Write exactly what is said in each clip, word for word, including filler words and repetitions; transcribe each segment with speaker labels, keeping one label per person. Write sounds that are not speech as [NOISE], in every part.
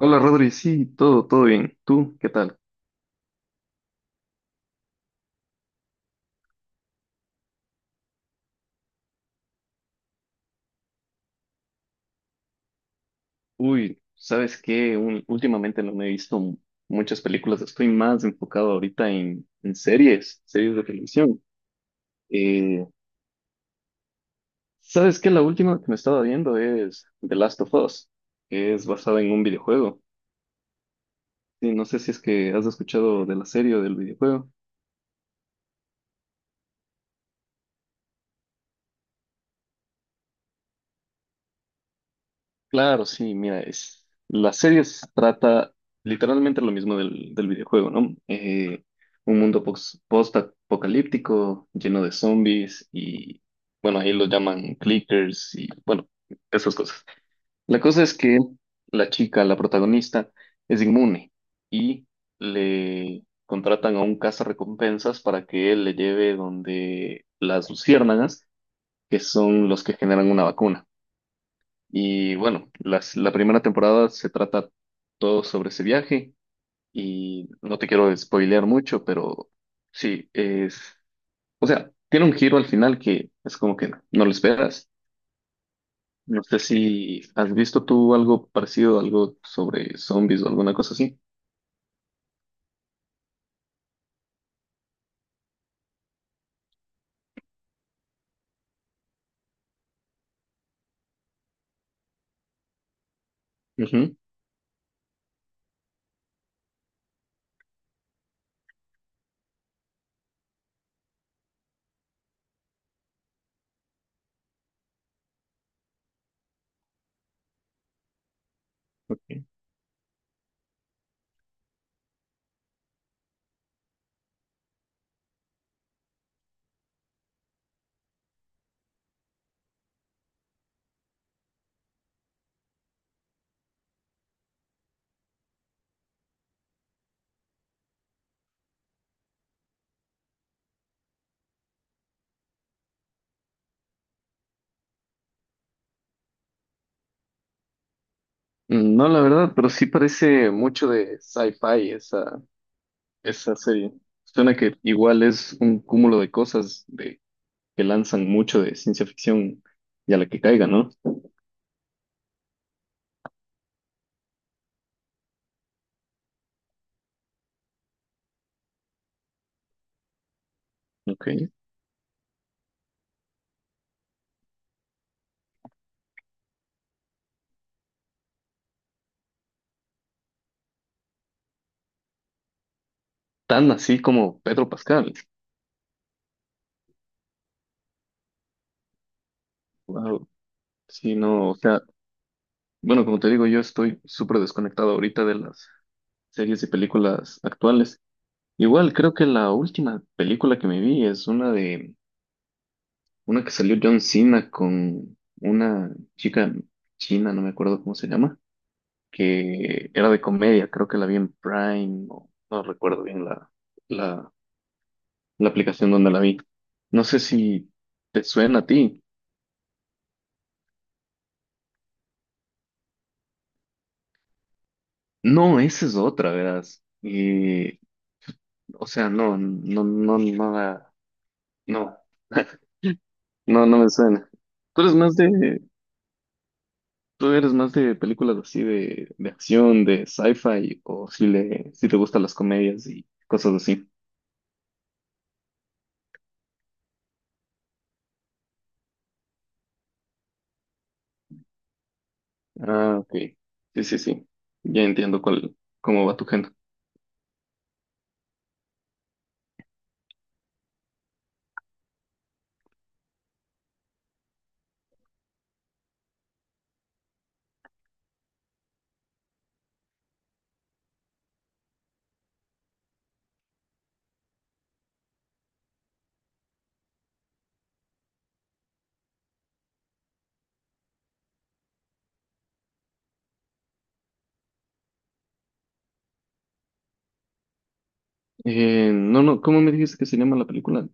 Speaker 1: Hola Rodri, sí, todo, todo bien. ¿Tú qué tal? Uy, ¿sabes qué? Un- últimamente no me he visto m- muchas películas, estoy más enfocado ahorita en, en series, series de televisión. Eh, ¿Sabes qué? La última que me estaba viendo es The Last of Us, que es basada en un videojuego. Sí, no sé si es que has escuchado de la serie o del videojuego. Claro, sí, mira, es, la serie se trata literalmente lo mismo del, del videojuego, ¿no? Eh, un mundo pos- post-apocalíptico, lleno de zombies y, bueno, ahí lo llaman clickers y, bueno, esas cosas. La cosa es que la chica, la protagonista, es inmune y le contratan a un cazarrecompensas para que él le lleve donde las luciérnagas, que son los que generan una vacuna. Y bueno, las- la primera temporada se trata todo sobre ese viaje y no te quiero spoilear mucho, pero sí, es, o sea, tiene un giro al final que es como que no, lo esperas. No sé si has visto tú algo parecido, algo sobre zombies o alguna cosa así. Ujú. No, la verdad, pero sí parece mucho de sci-fi esa, esa serie. Suena que igual es un cúmulo de cosas, que lanzan mucho de ciencia ficción y a la que caiga, ¿no? Ok. Tan así como Pedro Pascal. Wow. Sí, no, o sea, bueno, como te digo, yo estoy súper desconectado ahorita de las series y películas actuales. Igual, creo que la última película que me vi es una de, una que salió John Cena con una chica china, no me acuerdo cómo se llama, que era de comedia, creo que la vi en Prime, o no recuerdo bien la, la la aplicación donde la vi. No sé si te suena a ti. No, esa es otra, verás. Y, o sea, no, no, no, nada, no, [LAUGHS] no, no me suena. Tú eres más de, tú eres más de películas así de, de acción, de sci-fi, o si le, si te gustan las comedias y cosas así. Ah, ok. Sí, sí, sí. Ya entiendo cuál, cómo va tu género. Eh, no, no, ¿cómo me dijiste que se llama la película?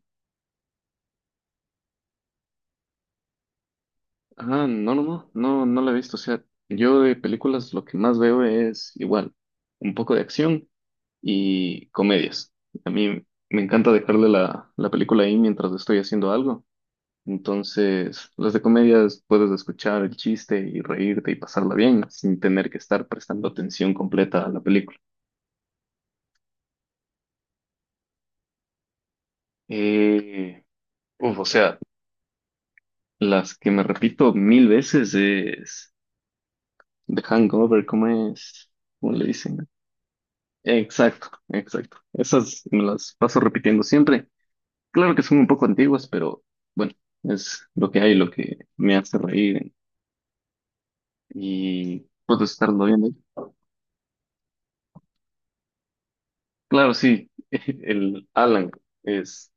Speaker 1: Ah, no, no, no, no, no la he visto. O sea, yo de películas lo que más veo es igual, un poco de acción y comedias. A mí me encanta dejarle la, la película ahí mientras estoy haciendo algo. Entonces, las de comedias puedes escuchar el chiste y reírte y pasarla bien sin tener que estar prestando atención completa a la película. Eh, uf, o sea, las que me repito mil veces es The Hangover, ¿cómo es? ¿Cómo le dicen? Exacto, exacto. Esas me las paso repitiendo siempre. Claro que son un poco antiguas, pero bueno, es lo que hay, lo que me hace reír y puedo estarlo viendo. Claro, sí, [LAUGHS] el Alan es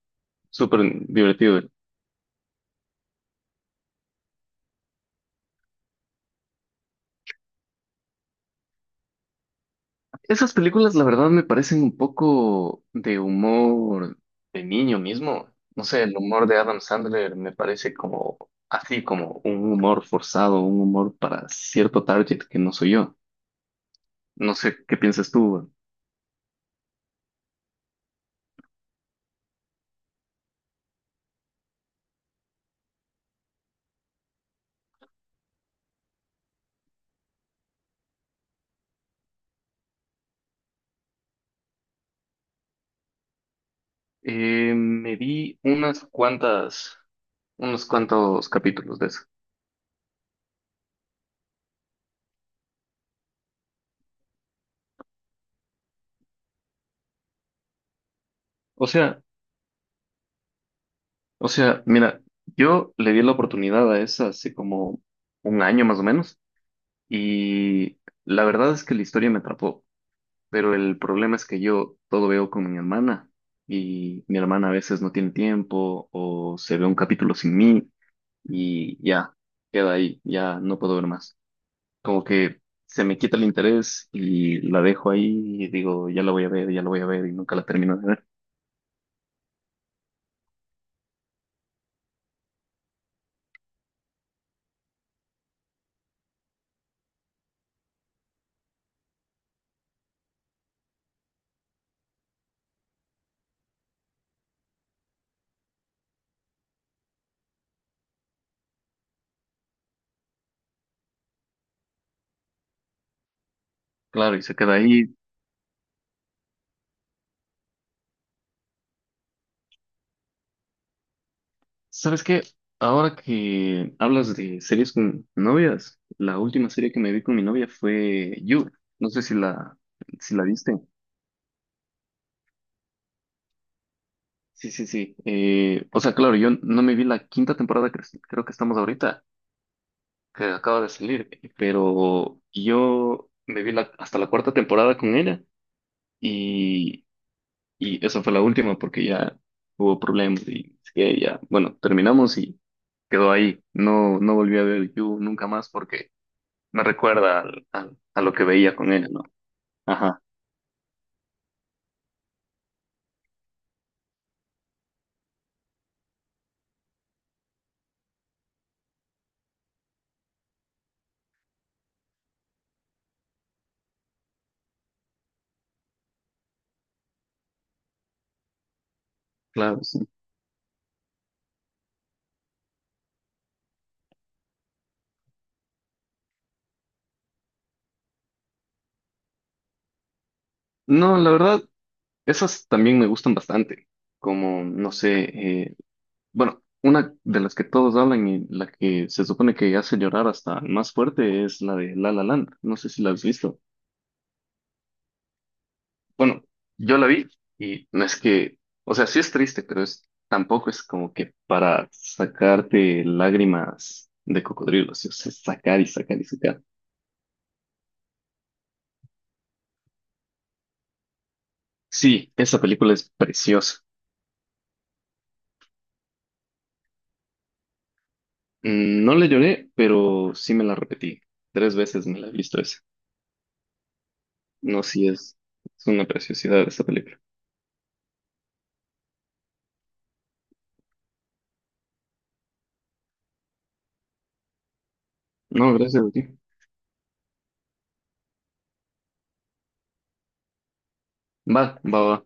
Speaker 1: súper divertido. Esas películas, la verdad, me parecen un poco de humor de niño mismo. No sé, el humor de Adam Sandler me parece como así, como un humor forzado, un humor para cierto target que no soy yo. No sé qué piensas tú. Eh, me vi unas cuantas, unos cuantos capítulos de eso. O sea, o sea, mira, yo le di la oportunidad a esa hace como un año más o menos y la verdad es que la historia me atrapó, pero el problema es que yo todo veo con mi hermana y mi hermana a veces no tiene tiempo o se ve un capítulo sin mí y ya, queda ahí, ya no puedo ver más. Como que se me quita el interés y la dejo ahí y digo, ya la voy a ver, ya la voy a ver y nunca la termino de ver. Claro, y se queda ahí. ¿Sabes qué? Ahora que hablas de series con novias, la última serie que me vi con mi novia fue You. No sé si la, si la viste. Sí, sí, sí. Eh, o sea, claro, yo no me vi la quinta temporada que es- creo que estamos ahorita, que acaba de salir, pero yo me vi la, hasta la cuarta temporada con ella. Y esa fue la última porque ya hubo problemas y es que ya, bueno, terminamos y quedó ahí. No, no volví a ver You nunca más porque me recuerda al- al- a lo que veía con ella, ¿no? Ajá, claro, sí. No, la verdad, esas también me gustan bastante. Como, no sé, eh, bueno, una de las que todos hablan y la que se supone que hace llorar hasta el más fuerte es la de La La Land. No sé si la has visto. Bueno, yo la vi y no es que, o sea, sí es triste, pero es, tampoco es como que para sacarte lágrimas de cocodrilo, sí, o sea, sacar y sacar y sacar. Sí, esa película es preciosa. Mm, no le lloré, pero sí me la repetí. Tres veces me la he visto esa. No, sí es, es una preciosidad esa película. No, gracias a ti. Va, va, va.